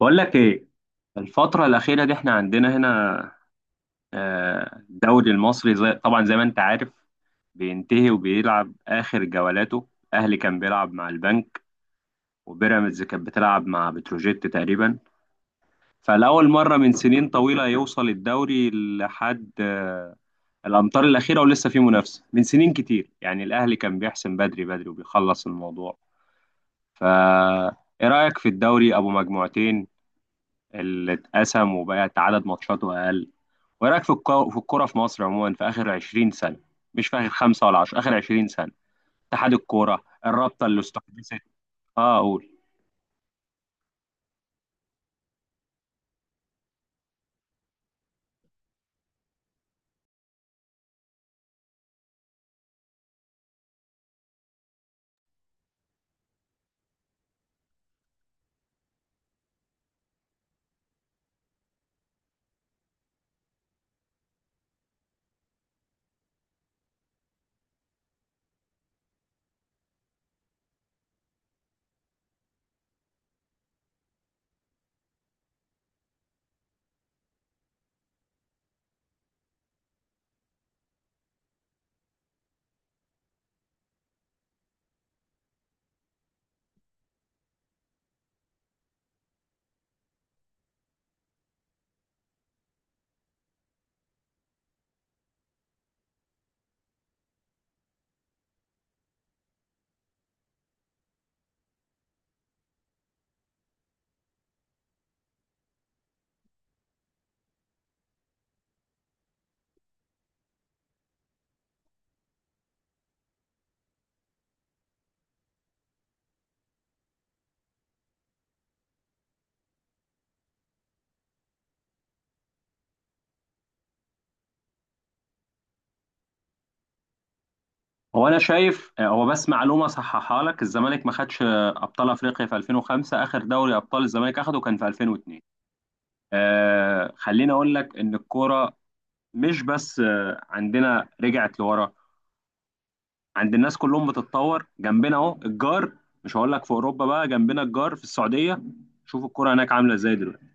بقول لك ايه؟ الفترة الأخيرة دي احنا عندنا هنا، الدوري المصري زي طبعا زي ما انت عارف، بينتهي وبيلعب آخر جولاته. الأهلي كان بيلعب مع البنك، وبيراميدز كانت بتلعب مع بتروجيت تقريبا. فلأول مرة من سنين طويلة يوصل الدوري لحد الأمتار الأخيرة ولسه في منافسة. من سنين كتير يعني الأهلي كان بيحسم بدري بدري وبيخلص الموضوع. فا إيه رأيك في الدوري أبو مجموعتين اللي اتقسم وبقت عدد ماتشاته أقل؟ وإيه رأيك في الكورة في مصر عموما في آخر 20 سنة؟ مش في آخر خمسة ولا 10، آخر 20 سنة اتحاد الكورة الرابطة اللي استحدثت. اه أقول، هو أنا شايف هو بس معلومة صححها لك، الزمالك ما خدش أبطال أفريقيا في 2005، آخر دوري أبطال الزمالك أخده كان في 2002. خليني أقول لك إن الكورة مش بس عندنا رجعت لورا، عند الناس كلهم بتتطور جنبنا. اهو الجار، مش هقول لك في اوروبا، بقى جنبنا الجار في السعوديه، شوف الكرة هناك عامله ازاي دلوقتي.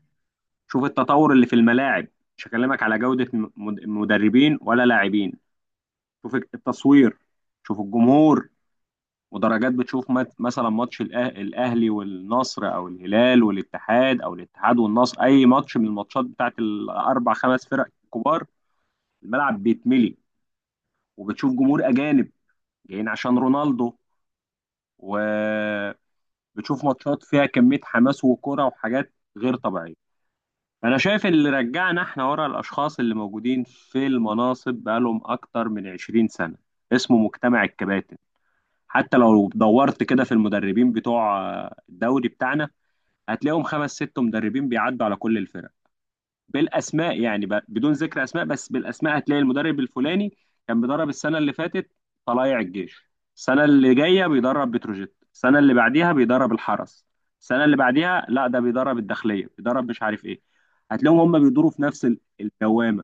شوف التطور اللي في الملاعب، مش هكلمك على جوده مدربين ولا لاعبين. شوف التصوير، شوف الجمهور ودرجات، بتشوف مثلا ماتش الاهلي والنصر او الهلال والاتحاد او الاتحاد والنصر، اي ماتش من الماتشات بتاعت الاربع خمس فرق الكبار، الملعب بيتملي وبتشوف جمهور اجانب جايين عشان رونالدو، و بتشوف ماتشات فيها كمية حماس وكرة وحاجات غير طبيعية. أنا شايف اللي رجعنا احنا ورا، الأشخاص اللي موجودين في المناصب بقالهم أكتر من 20 سنة، اسمه مجتمع الكباتن. حتى لو دورت كده في المدربين بتوع الدوري بتاعنا هتلاقيهم خمس ست مدربين بيعدوا على كل الفرق. بالاسماء يعني، بدون ذكر اسماء، بس بالاسماء هتلاقي المدرب الفلاني كان بيدرب السنه اللي فاتت طلائع الجيش، السنه اللي جايه بيدرب بتروجيت، السنه اللي بعديها بيدرب الحرس، السنه اللي بعديها لا ده بيدرب الداخليه، بيدرب مش عارف ايه. هتلاقيهم هم بيدوروا في نفس الدوامه.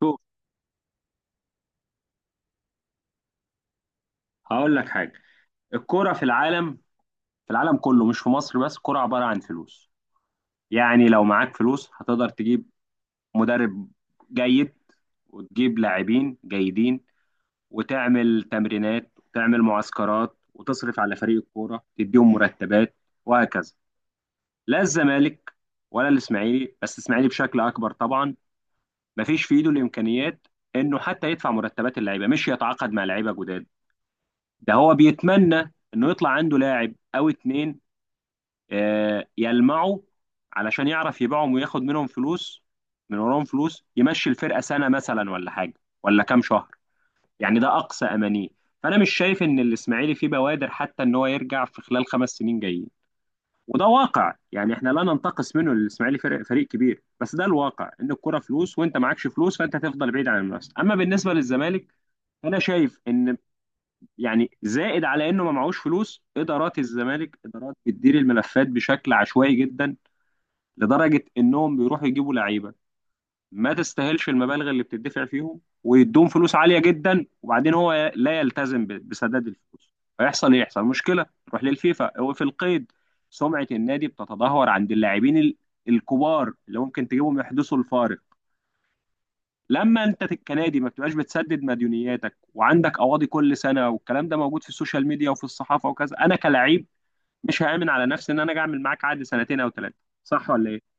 شوف، هقول لك حاجه، الكوره في العالم، في العالم كله مش في مصر بس، الكوره عباره عن فلوس. يعني لو معاك فلوس هتقدر تجيب مدرب جيد، وتجيب لاعبين جيدين، وتعمل تمرينات، وتعمل معسكرات، وتصرف على فريق الكوره، تديهم مرتبات وهكذا. لا الزمالك ولا الاسماعيلي، بس الاسماعيلي بشكل اكبر طبعا، مفيش في ايده الامكانيات انه حتى يدفع مرتبات اللعيبه، مش يتعاقد مع لعيبه جداد. ده هو بيتمنى انه يطلع عنده لاعب او اتنين يلمعوا علشان يعرف يبيعهم وياخد منهم فلوس، من وراهم فلوس يمشي الفرقه سنه مثلا ولا حاجه، ولا كام شهر، يعني ده اقصى امانيه. فانا مش شايف ان الاسماعيلي فيه بوادر حتى ان هو يرجع في خلال خمس سنين جايين، وده واقع يعني. احنا لا ننتقص منه، الاسماعيلي فريق فريق كبير، بس ده الواقع، ان الكرة فلوس وانت معكش فلوس فانت هتفضل بعيد عن المنافسه. اما بالنسبه للزمالك، انا شايف ان، يعني، زائد على انه ما معهوش فلوس، ادارات الزمالك ادارات بتدير الملفات بشكل عشوائي جدا، لدرجه انهم بيروحوا يجيبوا لعيبه ما تستاهلش المبالغ اللي بتدفع فيهم، ويدوهم فلوس عالية جدا، وبعدين هو لا يلتزم بسداد الفلوس. فيحصل ايه؟ يحصل مشكلة تروح للفيفا، هو في القيد، سمعة النادي بتتدهور عند اللاعبين الكبار اللي ممكن تجيبهم يحدثوا الفارق. لما انت كنادي ما بتبقاش بتسدد مديونياتك، وعندك قواضي كل سنة، والكلام ده موجود في السوشيال ميديا وفي الصحافة وكذا، انا كلاعب مش هآمن على نفسي ان انا اجي اعمل معاك عقد سنتين او ثلاثة. صح ولا ايه؟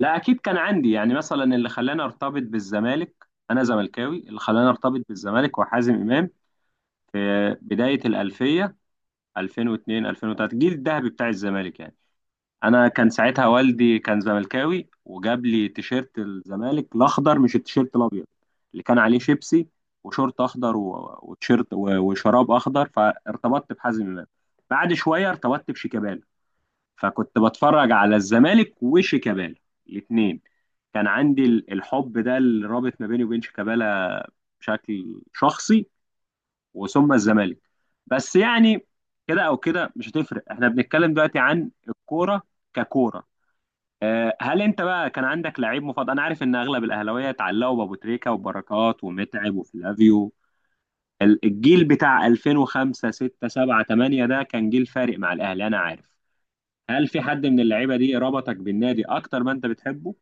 لا اكيد كان عندي، يعني مثلا اللي خلاني ارتبط بالزمالك، انا زملكاوي، اللي خلاني ارتبط بالزمالك وحازم امام في بدايه الالفيه، 2002 2003 الجيل الذهبي بتاع الزمالك يعني. انا كان ساعتها والدي كان زملكاوي، وجاب لي تيشيرت الزمالك الاخضر مش التيشيرت الابيض اللي كان عليه شيبسي، وشورت اخضر وتيشيرت وشراب اخضر، فارتبطت بحازم امام. بعد شويه ارتبطت بشيكابالا، فكنت بتفرج على الزمالك وشيكابالا الاثنين. كان عندي الحب ده اللي رابط ما بيني وبين شيكابالا بشكل شخصي، وثم الزمالك. بس يعني كده او كده مش هتفرق، احنا بنتكلم دلوقتي عن الكوره ككوره. هل انت بقى كان عندك لعيب مفضل؟ انا عارف ان اغلب الاهلاويه اتعلقوا بابو تريكه وبركات ومتعب وفلافيو، الجيل بتاع 2005 6 7 8 ده كان جيل فارق مع الاهلي. انا عارف، هل في حد من اللعيبه دي ربطك بالنادي اكتر ما انت بتحبه؟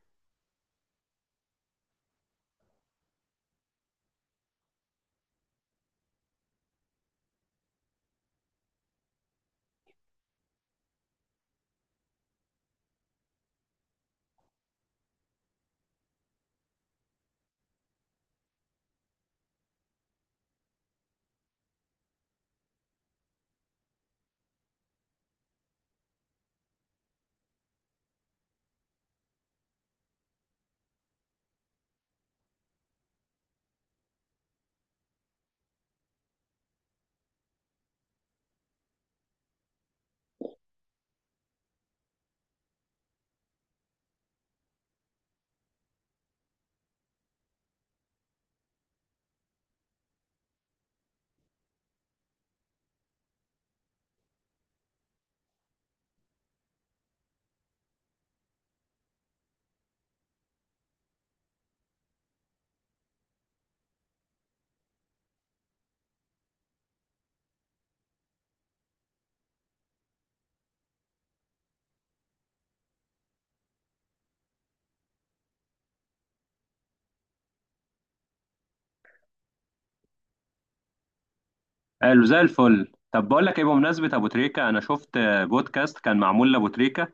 قالوا زي الفل. طب بقول لك ايه، بمناسبه ابو تريكه انا شفت بودكاست كان معمول لابو تريكه،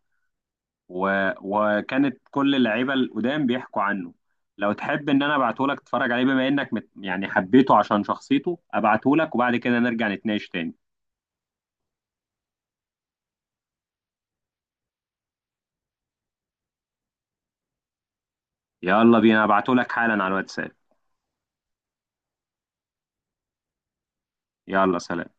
وكانت كل اللعيبه القدام بيحكوا عنه. لو تحب ان انا ابعته لك تتفرج عليه، بما انك يعني حبيته عشان شخصيته، ابعته لك وبعد كده نرجع نتناقش تاني. يلا بينا، ابعته لك حالا على الواتساب. يلا سلام.